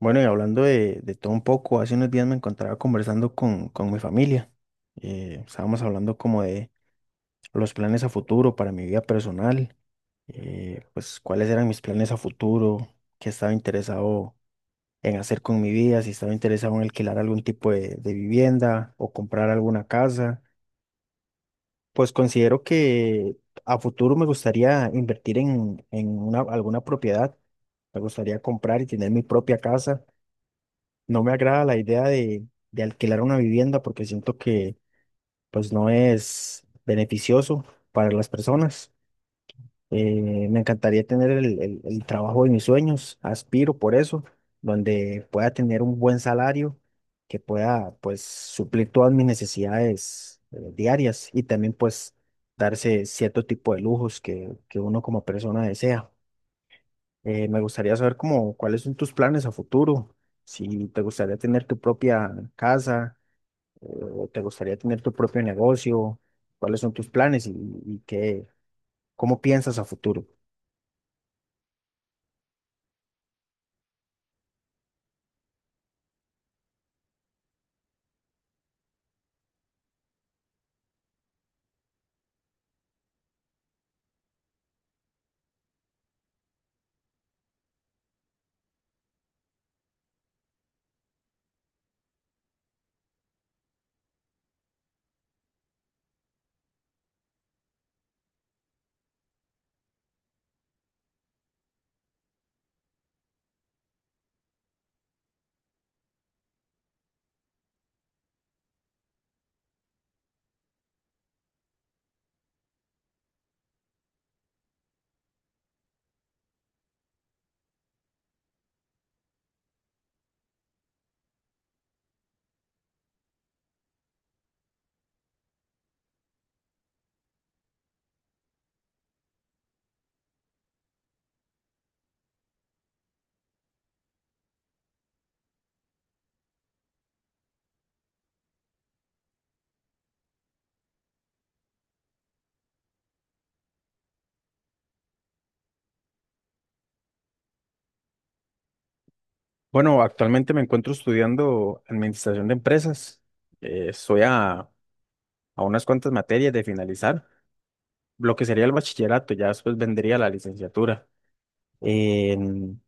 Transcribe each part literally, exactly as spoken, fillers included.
Bueno, y hablando de, de todo un poco, hace unos días me encontraba conversando con, con mi familia. Eh, estábamos hablando como de los planes a futuro para mi vida personal, eh, pues cuáles eran mis planes a futuro, qué estaba interesado en hacer con mi vida, si estaba interesado en alquilar algún tipo de, de vivienda o comprar alguna casa. Pues considero que a futuro me gustaría invertir en, en una, alguna propiedad, me gustaría comprar y tener mi propia casa. No me agrada la idea de, de alquilar una vivienda porque siento que pues no es beneficioso para las personas. Eh, me encantaría tener el, el- el trabajo de mis sueños, aspiro por eso, donde pueda tener un buen salario que pueda pues suplir todas mis necesidades eh, diarias y también pues darse cierto tipo de lujos que, que uno como persona desea. Eh, me gustaría saber cómo, cuáles son tus planes a futuro, si te gustaría tener tu propia casa, eh, o te gustaría tener tu propio negocio, cuáles son tus planes y, y qué, cómo piensas a futuro. Bueno, actualmente me encuentro estudiando administración de empresas. Eh, estoy a, a unas cuantas materias de finalizar lo que sería el bachillerato, ya después vendría la licenciatura. En-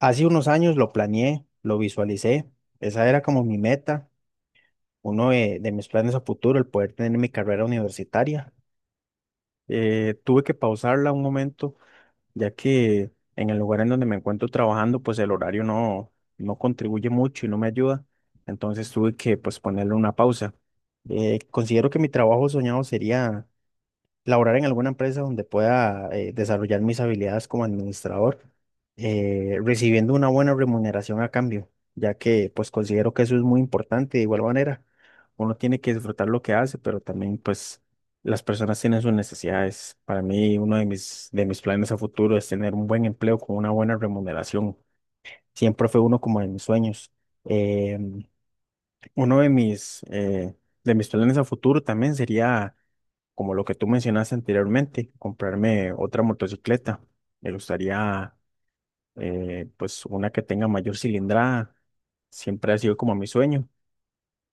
Hace unos años lo planeé, lo visualicé, esa era como mi meta, uno de, de mis planes a futuro, el poder tener mi carrera universitaria. Eh, tuve que pausarla un momento, ya que en el lugar en donde me encuentro trabajando, pues el horario no, no contribuye mucho y no me ayuda. Entonces tuve que pues ponerle una pausa. Eh, considero que mi trabajo soñado sería laborar en alguna empresa donde pueda eh, desarrollar mis habilidades como administrador, eh, recibiendo una buena remuneración a cambio, ya que pues considero que eso es muy importante. De igual manera, uno tiene que disfrutar lo que hace, pero también pues las personas tienen sus necesidades. Para mí, uno de mis, de mis planes a futuro es tener un buen empleo con una buena remuneración. Siempre fue uno como de mis sueños. Em, Uno de mis, eh, de mis planes a futuro también sería como lo que tú mencionaste anteriormente, comprarme otra motocicleta. Me gustaría, eh, pues, una que tenga mayor cilindrada. Siempre ha sido como mi sueño,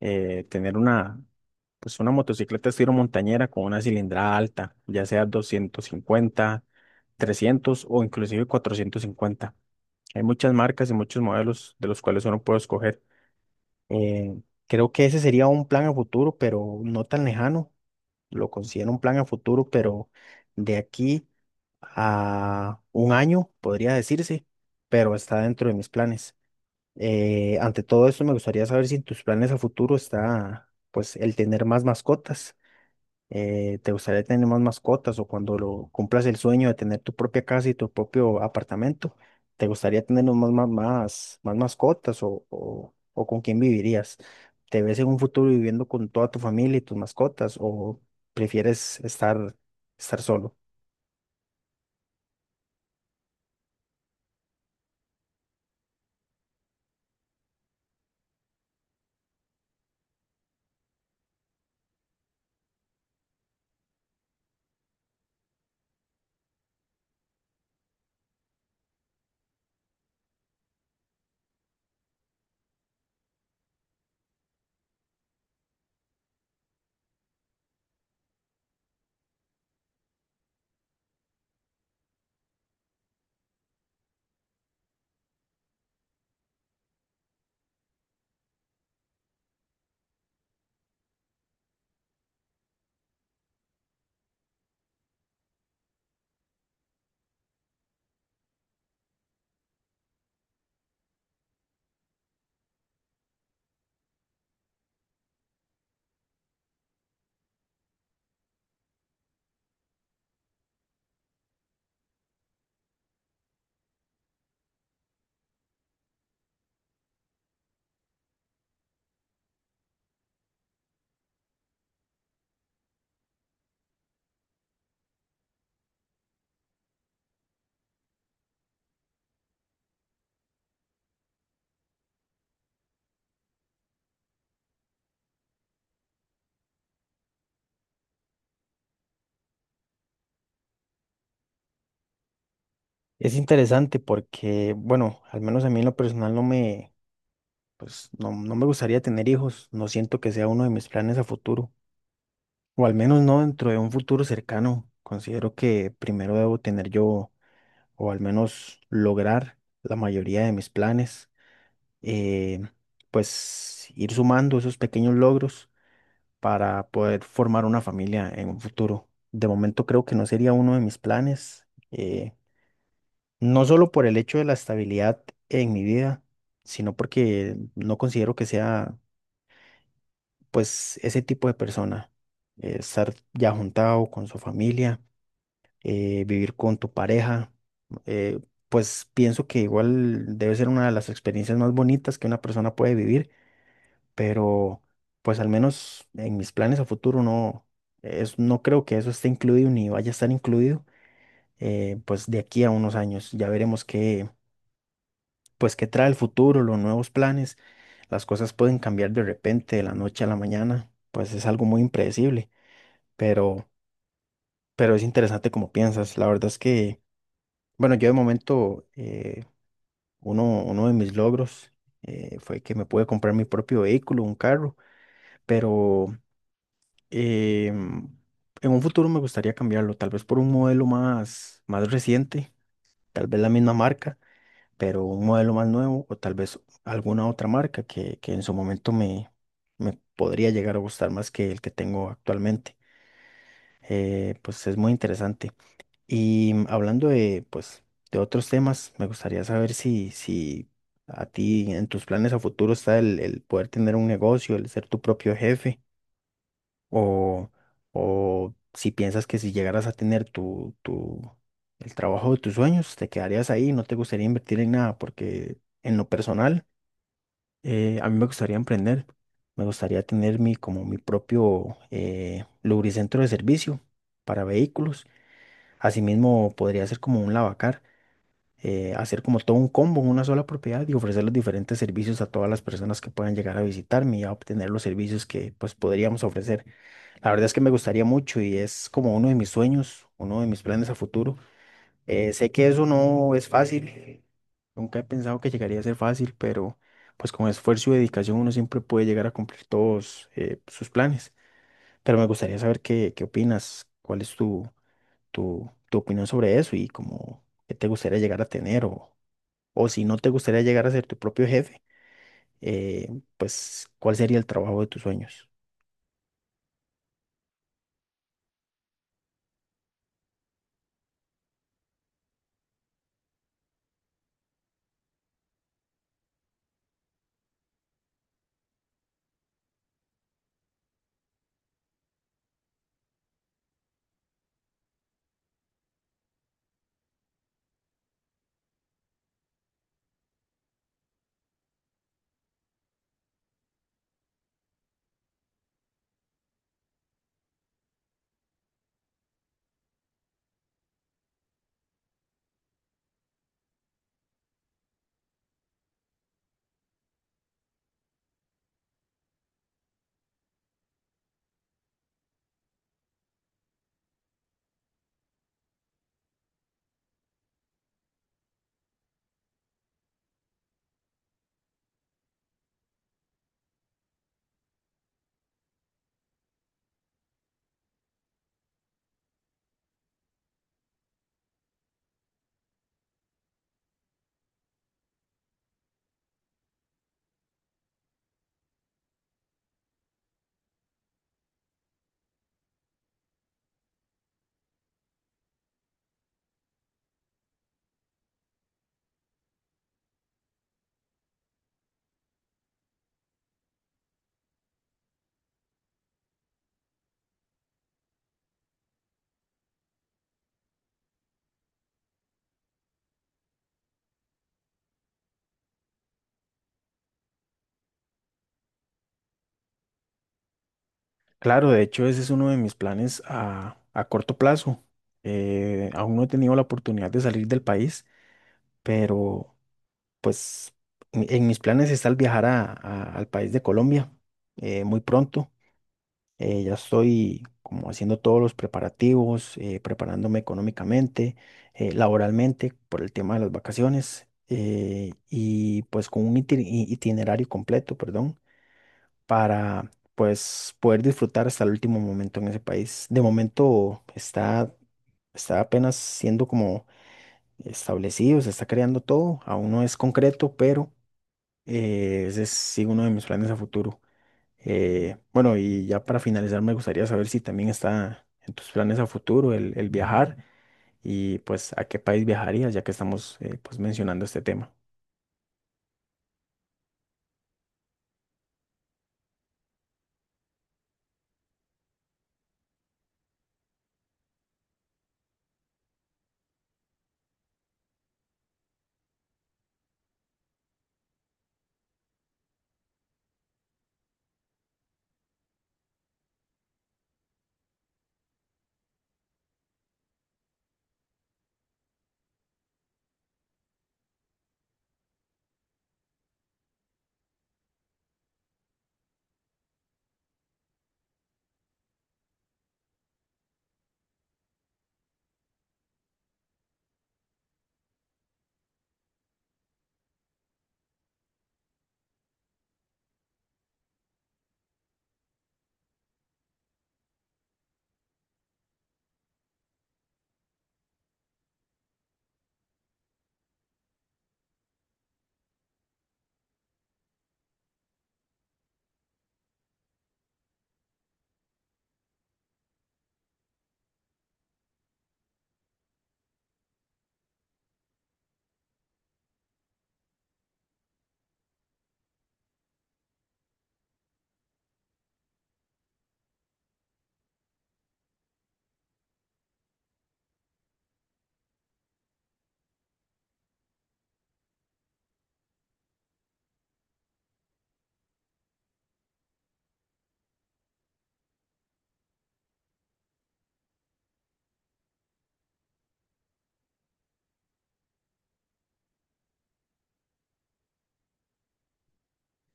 eh, tener una, pues, una motocicleta estilo montañera con una cilindrada alta, ya sea doscientos cincuenta, trescientos o inclusive cuatrocientos cincuenta. Hay muchas marcas y muchos modelos de los cuales uno puede escoger. Eh, Creo que ese sería un plan a futuro, pero no tan lejano, lo considero un plan a futuro, pero de aquí a un año, podría decirse, pero está dentro de mis planes. Eh, ante todo esto, me gustaría saber si en tus planes a futuro está, pues, el tener más mascotas. Eh, ¿te gustaría tener más mascotas o cuando lo cumplas el sueño de tener tu propia casa y tu propio apartamento? ¿Te gustaría tener más, más, más, más mascotas o, o, o con quién vivirías? ¿Te ves en un futuro viviendo con toda tu familia y tus mascotas o prefieres estar, estar solo? Es interesante porque, bueno, al menos a mí en lo personal no me, pues, no, no me gustaría tener hijos. No siento que sea uno de mis planes a futuro. O al menos no dentro de un futuro cercano. Considero que primero debo tener yo, o al menos lograr la mayoría de mis planes. eh, pues ir sumando esos pequeños logros para poder formar una familia en un futuro. De momento creo que no sería uno de mis planes, eh, no solo por el hecho de la estabilidad en mi vida, sino porque no considero que sea pues ese tipo de persona, eh, estar ya juntado con su familia, eh, vivir con tu pareja, eh, pues pienso que igual debe ser una de las experiencias más bonitas que una persona puede vivir, pero pues al menos en mis planes a futuro no, es, no creo que eso esté incluido ni vaya a estar incluido, eh, pues de aquí a unos años ya veremos qué, pues qué trae el futuro, los nuevos planes, las cosas pueden cambiar de repente, de la noche a la mañana, pues es algo muy impredecible, pero, pero es interesante como piensas, la verdad es que... Bueno, yo de momento, eh, Uno, uno de mis logros eh, fue que me pude comprar mi propio vehículo, un carro, pero em, en un futuro me gustaría cambiarlo, tal vez por un modelo más, más reciente, tal vez la misma marca, pero un modelo más nuevo o tal vez alguna otra marca que, que en su momento me, me podría llegar a gustar más que el que tengo actualmente. Eh, pues es muy interesante. Y mm, hablando de, pues, de otros temas, me gustaría saber si, si a ti en tus planes a futuro está el, el poder tener un negocio, el ser tu propio jefe, o, o si piensas que si llegaras a tener tu, tu, el trabajo de tus sueños, te quedarías ahí, no te gustaría invertir en nada, porque en lo personal, eh, a mí me gustaría emprender, me gustaría tener mi, como mi propio eh, lubricentro de servicio para vehículos. Asimismo, podría ser como un lavacar, eh, hacer como todo un combo en una sola propiedad y ofrecer los diferentes servicios a todas las personas que puedan llegar a visitarme y a obtener los servicios que pues podríamos ofrecer. La verdad es que me gustaría mucho y es como uno de mis sueños, uno de mis planes a futuro. Eh, sé que eso no es fácil, nunca he pensado que llegaría a ser fácil, pero pues con esfuerzo y dedicación uno siempre puede llegar a cumplir todos eh, sus planes. Pero me gustaría saber qué, qué opinas, cuál es tu, tu, tu opinión sobre eso y cómo qué te gustaría llegar a tener o o si no te gustaría llegar a ser tu propio jefe, eh, pues ¿cuál sería el trabajo de tus sueños? Claro, de hecho ese es uno de mis planes a, a corto plazo. Eh, aún no he tenido la oportunidad de salir del país, pero pues en, en mis planes está el viajar a- a- al país de Colombia eh, muy pronto. Eh, ya estoy como haciendo todos los preparativos, eh, preparándome económicamente, eh, laboralmente por el tema de las vacaciones eh, y pues con un iti- i- itinerario completo, perdón, para pues poder disfrutar hasta el último momento en ese país. De momento está, está apenas siendo como establecido, se está creando todo, aún no es concreto, pero eh, ese es sí, uno de mis planes a futuro. Eh, bueno, y ya para finalizar, me gustaría saber si también está en tus planes a futuro el, el viajar y pues a qué país viajarías, ya que estamos eh, pues mencionando este tema.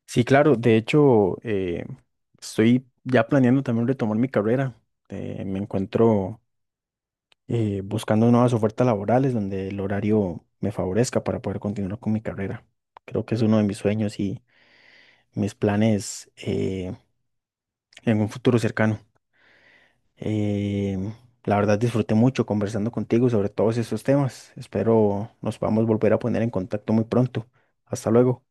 Sí, claro, de hecho, eh, estoy ya planeando también retomar mi carrera. Eh, me encuentro eh, buscando nuevas ofertas laborales donde el horario me favorezca para poder continuar con mi carrera. Creo que es uno de mis sueños y mis planes eh, en un futuro cercano. Eh, la verdad disfruté mucho conversando contigo sobre todos esos temas. Espero nos podamos volver a poner en contacto muy pronto. Hasta luego.